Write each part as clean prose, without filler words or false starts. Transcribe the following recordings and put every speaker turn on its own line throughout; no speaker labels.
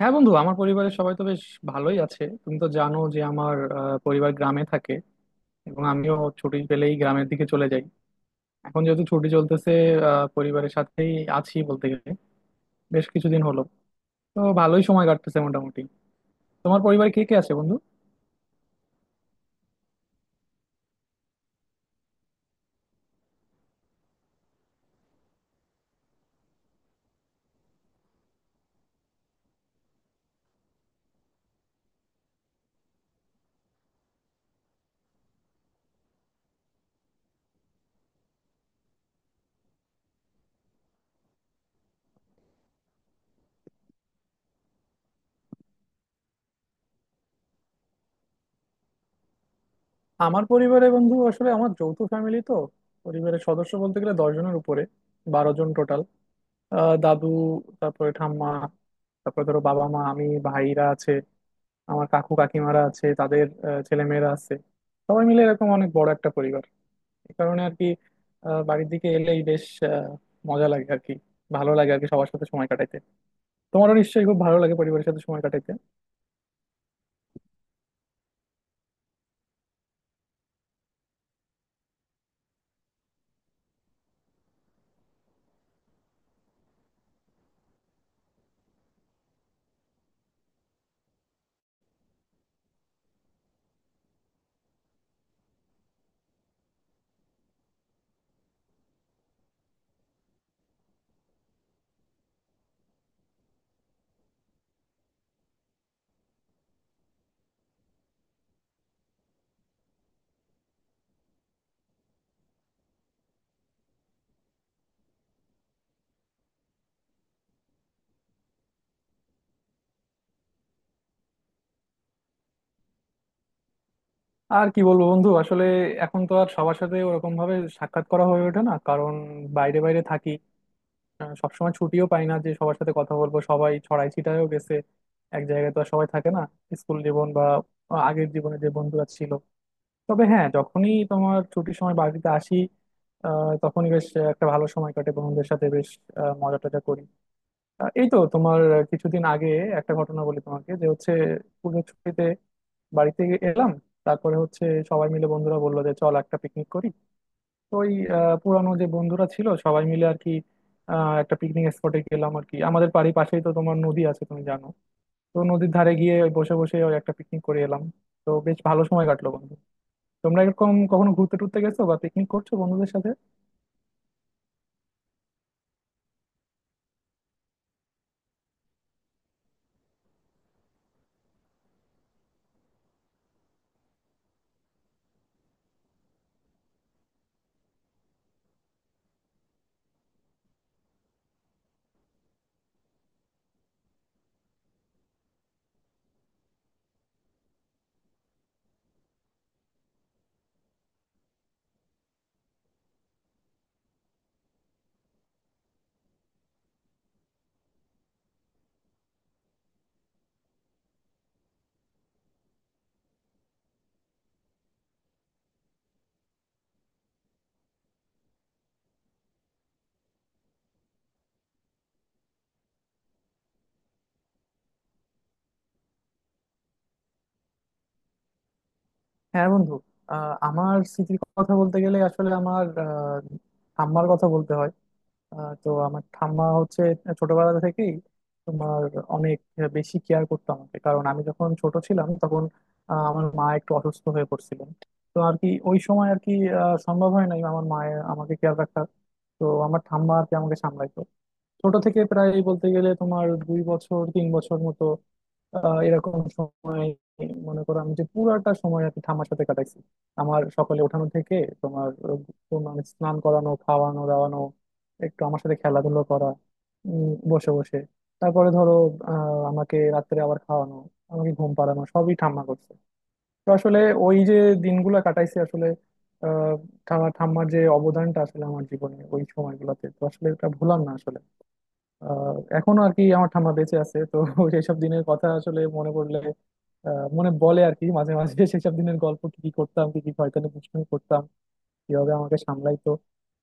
হ্যাঁ বন্ধু, আমার পরিবারের সবাই তো বেশ ভালোই আছে। তুমি তো জানো যে আমার পরিবার গ্রামে থাকে, এবং আমিও ছুটি পেলেই গ্রামের দিকে চলে যাই। এখন যেহেতু ছুটি চলতেছে, পরিবারের সাথেই আছি বলতে গেলে বেশ কিছুদিন হলো। তো ভালোই সময় কাটতেছে মোটামুটি। তোমার পরিবারে কে কে আছে বন্ধু? আমার পরিবারে বন্ধু আসলে আমার যৌথ ফ্যামিলি তো, পরিবারের সদস্য বলতে গেলে 10 জনের উপরে, 12 জন টোটাল। দাদু, তারপরে ঠাম্মা, তারপরে ধরো বাবা মা, আমি, ভাইরা আছে, আমার কাকু কাকিমারা আছে, তাদের ছেলেমেয়েরা আছে। সবাই মিলে এরকম অনেক বড় একটা পরিবার। এই কারণে আর কি, বাড়ির দিকে এলেই বেশ আহ, মজা লাগে আর কি। ভালো লাগে আর কি সবার সাথে সময় কাটাইতে। তোমারও নিশ্চয়ই খুব ভালো লাগে পরিবারের সাথে সময় কাটাইতে। আর কি বলবো বন্ধু, আসলে এখন তো আর সবার সাথে ওরকম ভাবে সাক্ষাৎ করা হয়ে ওঠে না, কারণ বাইরে বাইরে থাকি। সবসময় ছুটিও পাই না যে সবার সাথে কথা বলবো, সবাই ছড়াই ছিটায়ও গেছে, এক জায়গায় তো আর সবাই থাকে না, স্কুল জীবন বা আগের জীবনে যে বন্ধুরা ছিল। তবে হ্যাঁ, যখনই তোমার ছুটির সময় বাড়িতে আসি, তখনই বেশ একটা ভালো সময় কাটে বন্ধুদের সাথে। বেশ মজা টজা করি। এই তো তোমার কিছুদিন আগে একটা ঘটনা বলি তোমাকে, যে হচ্ছে পুজোর ছুটিতে বাড়িতে এলাম, তারপরে হচ্ছে সবাই মিলে বন্ধুরা বললো যে চল একটা পিকনিক করি। তো ওই পুরানো যে বন্ধুরা ছিল সবাই মিলে আর কি, একটা পিকনিক স্পটে গেলাম আর কি। আমাদের বাড়ির পাশেই তো তোমার নদী আছে, তুমি জানো। তো নদীর ধারে গিয়ে ওই বসে বসে ওই একটা পিকনিক করে এলাম। তো বেশ ভালো সময় কাটলো বন্ধু। তোমরা এরকম কখনো ঘুরতে টুরতে গেছো বা পিকনিক করছো বন্ধুদের সাথে? হ্যাঁ বন্ধু, আমার স্মৃতির কথা বলতে গেলে আসলে আমার ঠাম্মার কথা বলতে হয়। তো আমার ঠাম্মা হচ্ছে ছোটবেলা থেকেই তোমার অনেক বেশি কেয়ার করতো আমাকে, কারণ আমি যখন ছোট ছিলাম তখন আমার মা একটু অসুস্থ হয়ে পড়ছিলেন। তো আর কি ওই সময় আর কি সম্ভব হয় নাই আমার মায়ের আমাকে কেয়ার রাখা। তো আমার ঠাম্মা আর কি আমাকে সামলাইতো, ছোট থেকে প্রায় বলতে গেলে তোমার 2 বছর 3 বছর মতো। এরকম সময় মনে করো আমি যে পুরাটা সময় আর কি ঠাম্মার সাথে কাটাইছি। আমার সকালে ওঠানো থেকে, তোমার তোমার স্নান করানো, খাওয়ানো দাওয়ানো, একটু আমার সাথে খেলাধুলো করা, বসে বসে, তারপরে ধরো আহ আমাকে রাত্রে আবার খাওয়ানো, আমাকে ঘুম পাড়ানো, সবই ঠাম্মা করছে। তো আসলে ওই যে দিনগুলো কাটাইছি আসলে, আহ ঠাম্মার যে অবদানটা আসলে আমার জীবনে ওই সময়গুলোতে, তো আসলে এটা ভুলার না আসলে। এখনো আর কি আমার ঠাম্মা বেঁচে আছে তো সেসব দিনের কথা আসলে মনে পড়লে, মনে পড়ে আর কি মাঝে মাঝে সেসব দিনের গল্প, কি কি করতাম, কি কি হয়তো দুষ্টুমি করতাম, কিভাবে আমাকে সামলাইতো।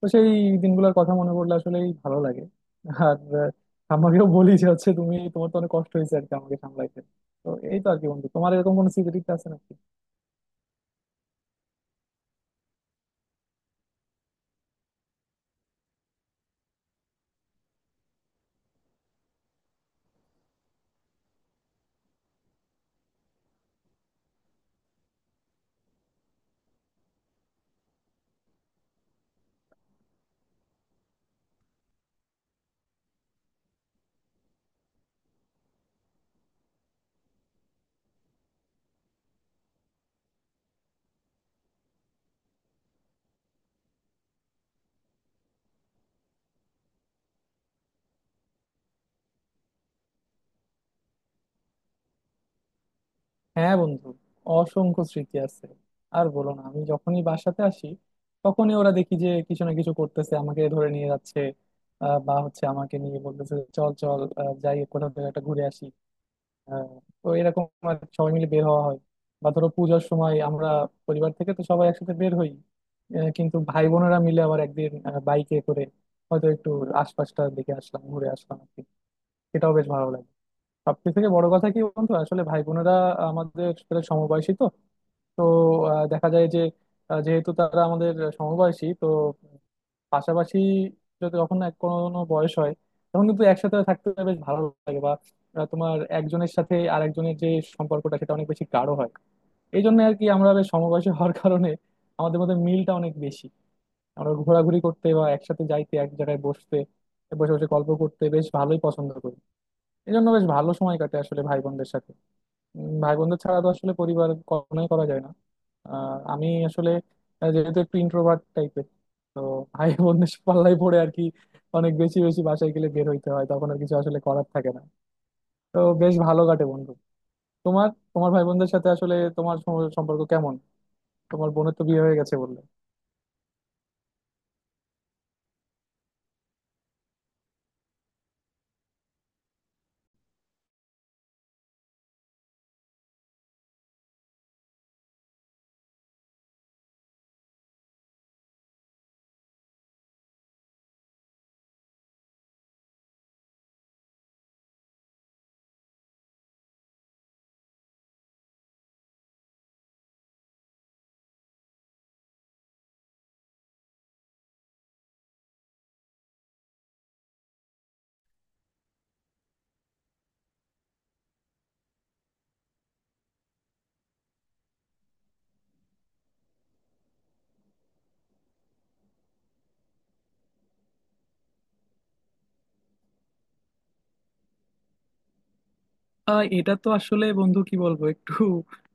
তো সেই দিনগুলোর কথা মনে পড়লে আসলেই ভালো লাগে। আর ঠাম্মাকেও বলি যে হচ্ছে তুমি, তোমার তো অনেক কষ্ট হয়েছে আর কি আমাকে সামলাইতে। তো এই তো আর কি বন্ধু, তোমার এরকম কোনো স্মৃতি আছে নাকি? হ্যাঁ বন্ধু, অসংখ্য স্মৃতি আছে। আর বলো না, আমি যখনই বাসাতে আসি তখনই ওরা দেখি যে কিছু না কিছু করতেছে, আমাকে ধরে নিয়ে যাচ্ছে। বা হচ্ছে আমাকে নিয়ে বলতেছে চল চল, যাই কোথাও থেকে একটা ঘুরে আসি। আহ, তো এরকম আর কি সবাই মিলে বের হওয়া হয়। বা ধরো পূজার সময় আমরা পরিবার থেকে তো সবাই একসাথে বের হই, কিন্তু ভাই বোনেরা মিলে আবার একদিন বাইকে করে হয়তো একটু আশপাশটার দিকে আসলাম, ঘুরে আসলাম আর কি। সেটাও বেশ ভালো লাগে। সবথেকে বড় কথা কি বন্ধু, আসলে ভাই বোনেরা আমাদের তো দেখা যায় যে যেহেতু তারা আমাদের সমবয়সী তো, পাশাপাশি যদি কখন এক কোনো বয়স হয় তখন কিন্তু একসাথে থাকতে বেশ ভালো লাগে। বা তোমার একজনের সাথে আরেকজনের যে সম্পর্কটা, সেটা অনেক বেশি গাঢ় হয়। এই জন্য আর কি আমরা বেশ সমবয়সী হওয়ার কারণে আমাদের মধ্যে মিলটা অনেক বেশি। আমরা ঘোরাঘুরি করতে বা একসাথে যাইতে, এক জায়গায় বসতে, বসে বসে গল্প করতে বেশ ভালোই পছন্দ করি। এই জন্য বেশ ভালো সময় কাটে আসলে ভাই বোনদের সাথে। ভাই বন্ধু ছাড়া তো আসলে পরিবার কখনোই করা যায় না। আমি আসলে যেহেতু একটু ইন্ট্রোভার্ট টাইপের, তো ভাই বন্ধুর পাল্লায় পড়ে আর কি অনেক বেশি বেশি বাসায় গেলে বের হইতে হয়, তখন আর কিছু আসলে করার থাকে না। তো বেশ ভালো কাটে বন্ধু। তোমার, তোমার ভাই বোনদের সাথে আসলে তোমার সম্পর্ক কেমন? তোমার বোনের তো বিয়ে হয়ে গেছে বললে। এটা তো আসলে বন্ধু কি বলবো, একটু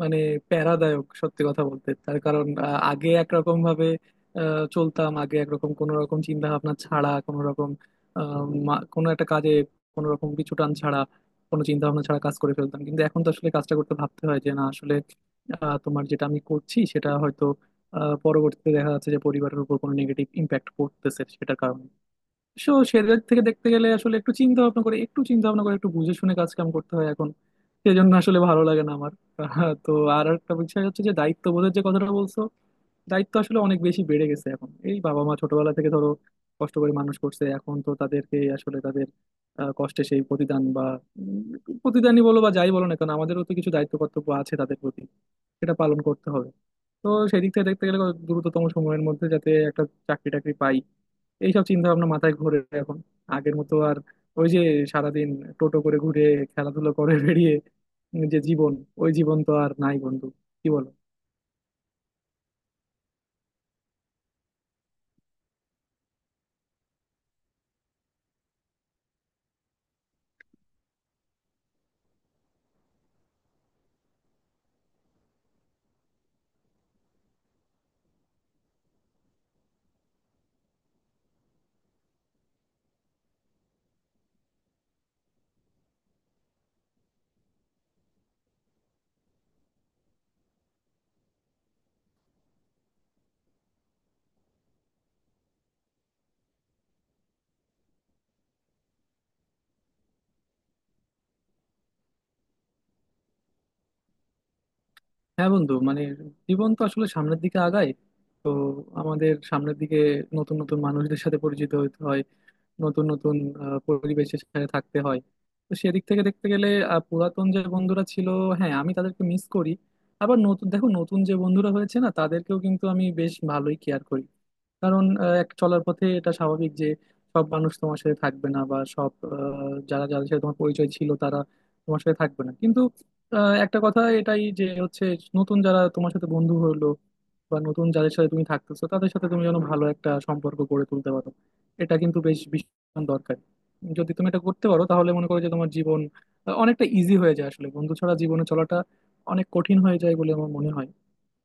মানে প্যারাদায়ক সত্যি কথা বলতে। তার কারণ আগে একরকম ভাবে চলতাম, আগে একরকম কোনো রকম চিন্তা ভাবনা ছাড়া, কোনো রকম কোনো একটা কাজে কোনো রকম পিছু টান ছাড়া, কোনো চিন্তা ভাবনা ছাড়া কাজ করে ফেলতাম। কিন্তু এখন তো আসলে কাজটা করতে ভাবতে হয় যে না আসলে তোমার যেটা আমি করছি সেটা হয়তো পরবর্তীতে দেখা যাচ্ছে যে পরিবারের উপর কোনো নেগেটিভ ইম্প্যাক্ট পড়তেছে সেটার কারণে। সো সেদিক থেকে দেখতে গেলে আসলে একটু চিন্তা ভাবনা করে একটু বুঝে শুনে কাজ কাম করতে হয় এখন। সেজন্য আসলে ভালো লাগে না আমার। আহ, তো আর একটা বিষয় হচ্ছে যে দায়িত্ববোধের যে কথাটা বলছো, দায়িত্ব আসলে অনেক বেশি বেড়ে গেছে এখন। এই বাবা মা ছোটবেলা থেকে ধরো কষ্ট করে মানুষ করছে, এখন তো তাদেরকে আসলে তাদের কষ্টে সেই প্রতিদান বা উম, প্রতিদানই বলো বা যাই বলো না কেন, আমাদেরও তো কিছু দায়িত্ব কর্তব্য আছে তাদের প্রতি, সেটা পালন করতে হবে। তো সেই দিক থেকে দেখতে গেলে দ্রুততম সময়ের মধ্যে যাতে একটা চাকরি টাকরি পাই, এইসব চিন্তা ভাবনা মাথায় ঘোরে এখন। আগের মতো আর ওই যে সারাদিন টোটো করে ঘুরে, খেলাধুলো করে বেরিয়ে যে জীবন, ওই জীবন তো আর নাই বন্ধু। কি বলো? হ্যাঁ বন্ধু, মানে জীবন তো আসলে সামনের দিকে আগায়। তো আমাদের সামনের দিকে নতুন নতুন মানুষদের সাথে পরিচিত হতে হয়, নতুন নতুন পরিবেশের সাথে থাকতে হয়। তো সেদিক থেকে দেখতে গেলে পুরাতন যে বন্ধুরা ছিল, হ্যাঁ আমি তাদেরকে মিস করি। আবার নতুন দেখো, নতুন যে বন্ধুরা হয়েছে না, তাদেরকেও কিন্তু আমি বেশ ভালোই কেয়ার করি। কারণ এক চলার পথে এটা স্বাভাবিক যে সব মানুষ তোমার সাথে থাকবে না, বা সব যারা যাদের সাথে তোমার পরিচয় ছিল তারা তোমার সাথে থাকবে না। কিন্তু একটা কথা এটাই যে হচ্ছে, নতুন যারা তোমার সাথে বন্ধু হলো, বা নতুন যাদের সাথে তুমি থাকতেছো, তাদের সাথে তুমি যেন ভালো একটা সম্পর্ক গড়ে তুলতে পারো, এটা কিন্তু বেশ ভীষণ দরকার। যদি তুমি এটা করতে পারো তাহলে মনে করো যে তোমার জীবন অনেকটা ইজি হয়ে যায়। আসলে বন্ধু ছাড়া জীবনে চলাটা অনেক কঠিন হয়ে যায় বলে আমার মনে হয়।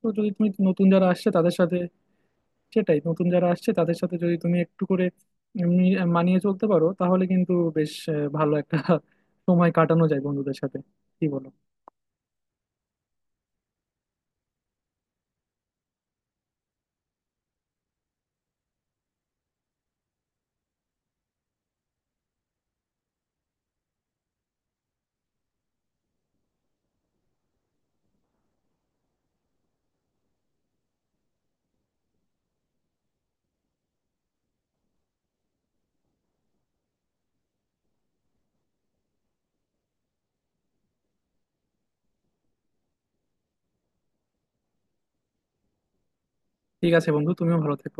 তো যদি তুমি নতুন যারা আসছে তাদের সাথে, সেটাই, নতুন যারা আসছে তাদের সাথে যদি তুমি একটু করে এমনি মানিয়ে চলতে পারো, তাহলে কিন্তু বেশ ভালো একটা সময় কাটানো যায় বন্ধুদের সাথে। কি বলো? ঠিক আছে বন্ধু, তুমিও ভালো থেকো।